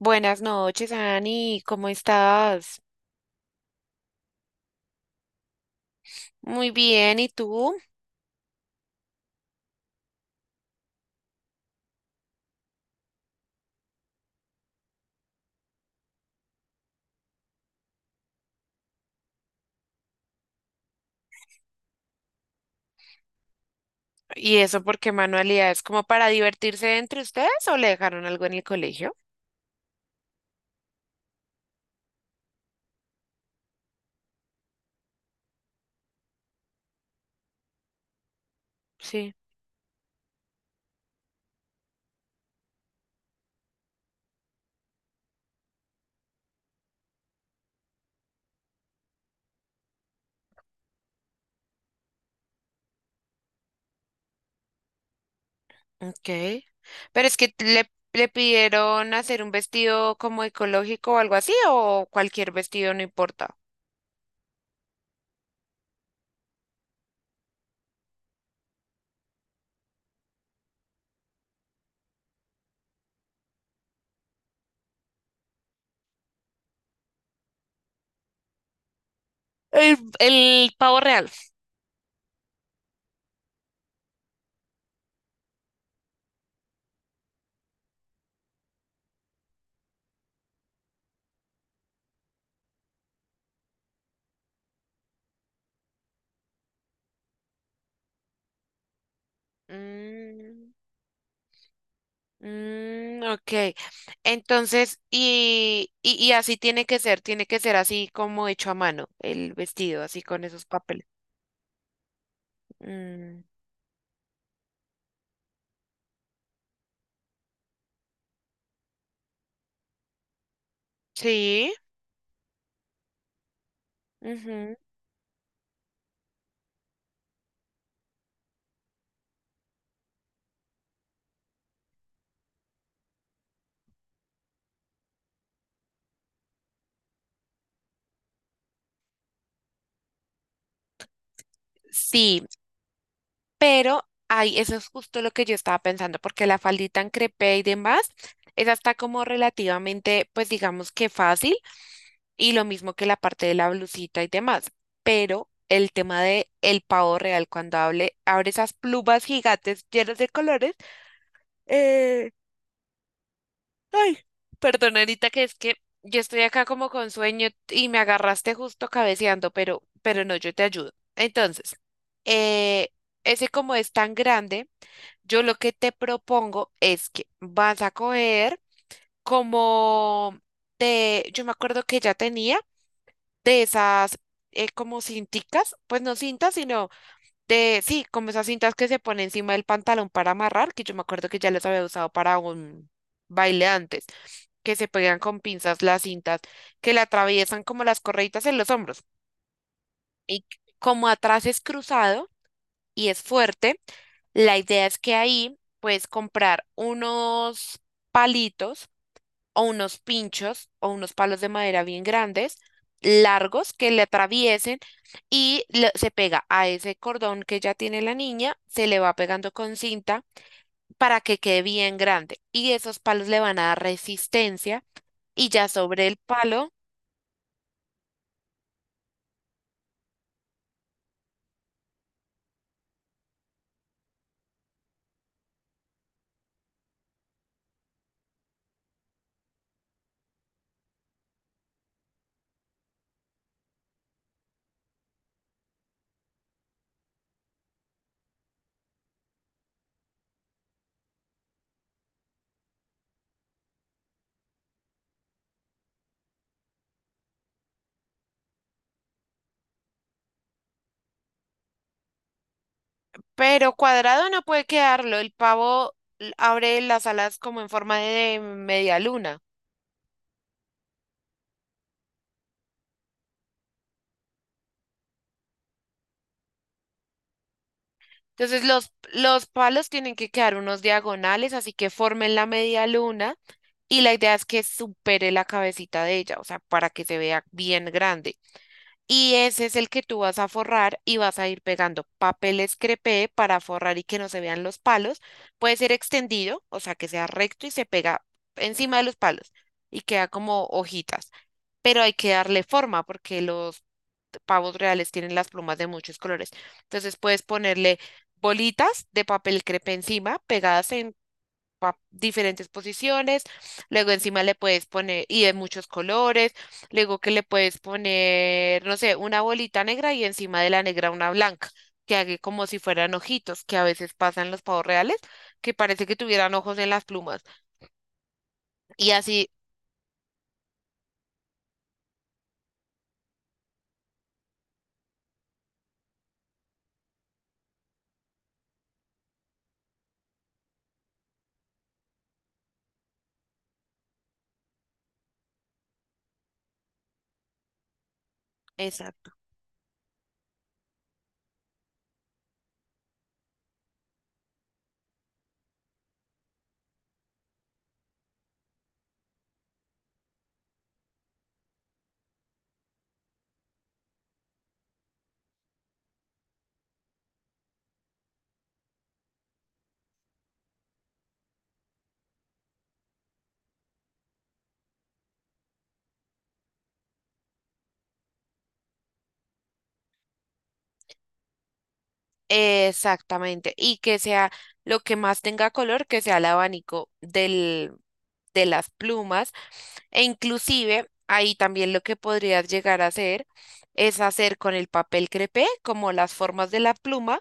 Buenas noches, Ani, ¿cómo estás? Muy bien, ¿y tú? ¿Y eso por qué manualidades? ¿Como para divertirse entre ustedes o le dejaron algo en el colegio? Sí, ok. Pero es que le pidieron hacer un vestido como ecológico o algo así, o cualquier vestido no importa. El pavo real. Mm. Mm, ok. Entonces, y así tiene que ser así como hecho a mano, el vestido, así con esos papeles. Mm, sí. Ujú. Sí, pero ay, eso es justo lo que yo estaba pensando, porque la faldita en crepé y demás, esa está como relativamente, pues digamos que fácil, y lo mismo que la parte de la blusita y demás, pero el tema de el pavo real, cuando hable, abre esas plumas gigantes llenas de colores. eh, Ay, perdón, Anita, que es que yo estoy acá como con sueño y me agarraste justo cabeceando, pero no, yo te ayudo. Entonces, eh, ese como es tan grande, yo lo que te propongo es que vas a coger como de, yo me acuerdo que ya tenía de esas como cinticas, pues no cintas, sino de, sí, como esas cintas que se pone encima del pantalón para amarrar, que yo me acuerdo que ya las había usado para un baile antes, que se pegan con pinzas las cintas, que le atraviesan como las correitas en los hombros. Y como atrás es cruzado y es fuerte, la idea es que ahí puedes comprar unos palitos o unos pinchos o unos palos de madera bien grandes, largos, que le atraviesen y se pega a ese cordón que ya tiene la niña, se le va pegando con cinta para que quede bien grande. Y esos palos le van a dar resistencia y ya sobre el palo, pero cuadrado no puede quedarlo, el pavo abre las alas como en forma de media luna. Entonces los palos tienen que quedar unos diagonales, así que formen la media luna. Y la idea es que supere la cabecita de ella, o sea, para que se vea bien grande. Y ese es el que tú vas a forrar y vas a ir pegando papel crepé para forrar y que no se vean los palos. Puede ser extendido, o sea, que sea recto y se pega encima de los palos y queda como hojitas. Pero hay que darle forma porque los pavos reales tienen las plumas de muchos colores. Entonces puedes ponerle bolitas de papel crepé encima, pegadas en diferentes posiciones, luego encima le puedes poner, y de muchos colores, luego que le puedes poner, no sé, una bolita negra y encima de la negra una blanca, que haga como si fueran ojitos, que a veces pasan los pavos reales, que parece que tuvieran ojos en las plumas. Y así, exacto. Exactamente, y que sea lo que más tenga color, que sea el abanico del, de las plumas, e inclusive ahí también lo que podrías llegar a hacer es hacer con el papel crepé como las formas de la pluma,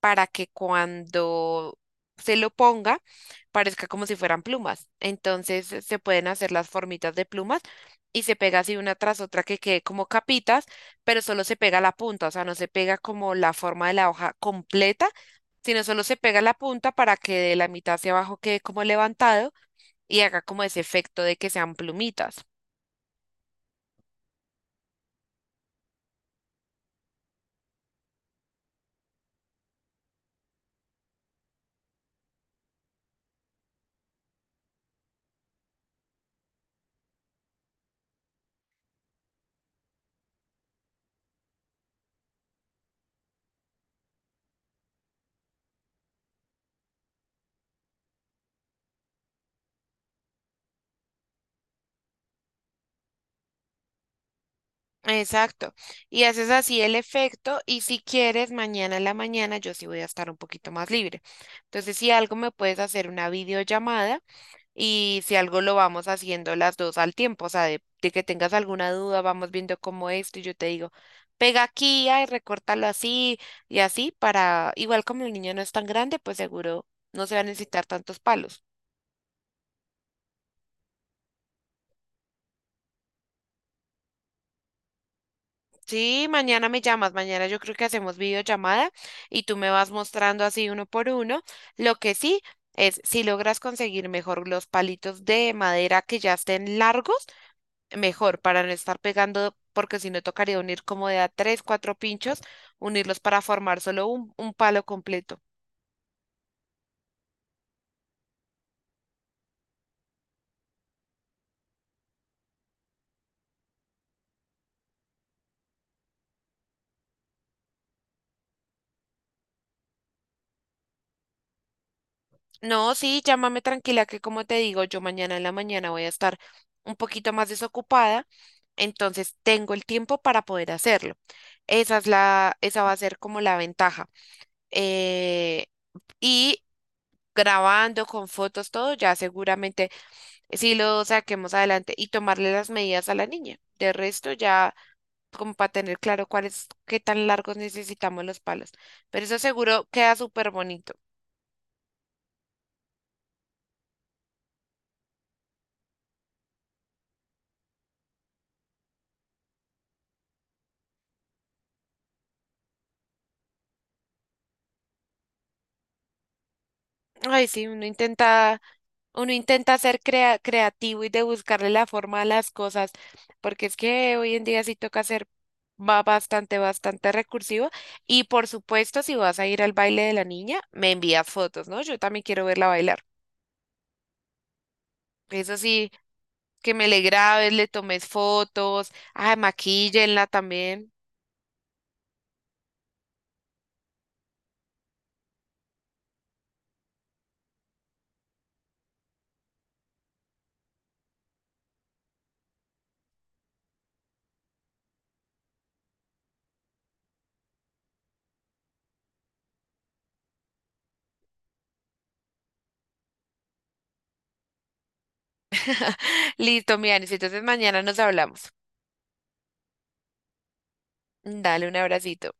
para que cuando se lo ponga parezca como si fueran plumas. Entonces se pueden hacer las formitas de plumas y se pega así una tras otra que quede como capitas, pero solo se pega la punta, o sea, no se pega como la forma de la hoja completa, sino solo se pega la punta para que de la mitad hacia abajo quede como levantado y haga como ese efecto de que sean plumitas. Exacto. Y haces así el efecto y si quieres, mañana en la mañana yo sí voy a estar un poquito más libre. Entonces, si algo me puedes hacer una videollamada y si algo lo vamos haciendo las dos al tiempo, o sea, de que tengas alguna duda, vamos viendo cómo esto y yo te digo, pega aquí, ay, recórtalo así y así para, igual como el niño no es tan grande, pues seguro no se va a necesitar tantos palos. Sí, mañana me llamas, mañana yo creo que hacemos videollamada y tú me vas mostrando así uno por uno. Lo que sí es, si logras conseguir mejor los palitos de madera que ya estén largos, mejor para no estar pegando, porque si no tocaría unir como de a tres, cuatro pinchos, unirlos para formar solo un palo completo. No, sí, llámame tranquila que como te digo, yo mañana en la mañana voy a estar un poquito más desocupada, entonces tengo el tiempo para poder hacerlo. Esa es la, esa va a ser como la ventaja. Eh, y grabando con fotos, todo, ya seguramente sí lo saquemos adelante y tomarle las medidas a la niña. De resto, ya como para tener claro cuáles, qué tan largos necesitamos los palos. Pero eso seguro queda súper bonito. Ay, sí, uno intenta. Uno intenta ser creativo y de buscarle la forma a las cosas, porque es que hoy en día sí toca ser, va bastante, bastante recursivo. Y por supuesto, si vas a ir al baile de la niña, me envías fotos, ¿no? Yo también quiero verla bailar. Eso sí, que me le grabes, le tomes fotos, ay, maquíllenla también. Listo, Mianis, entonces mañana nos hablamos. Dale un abracito.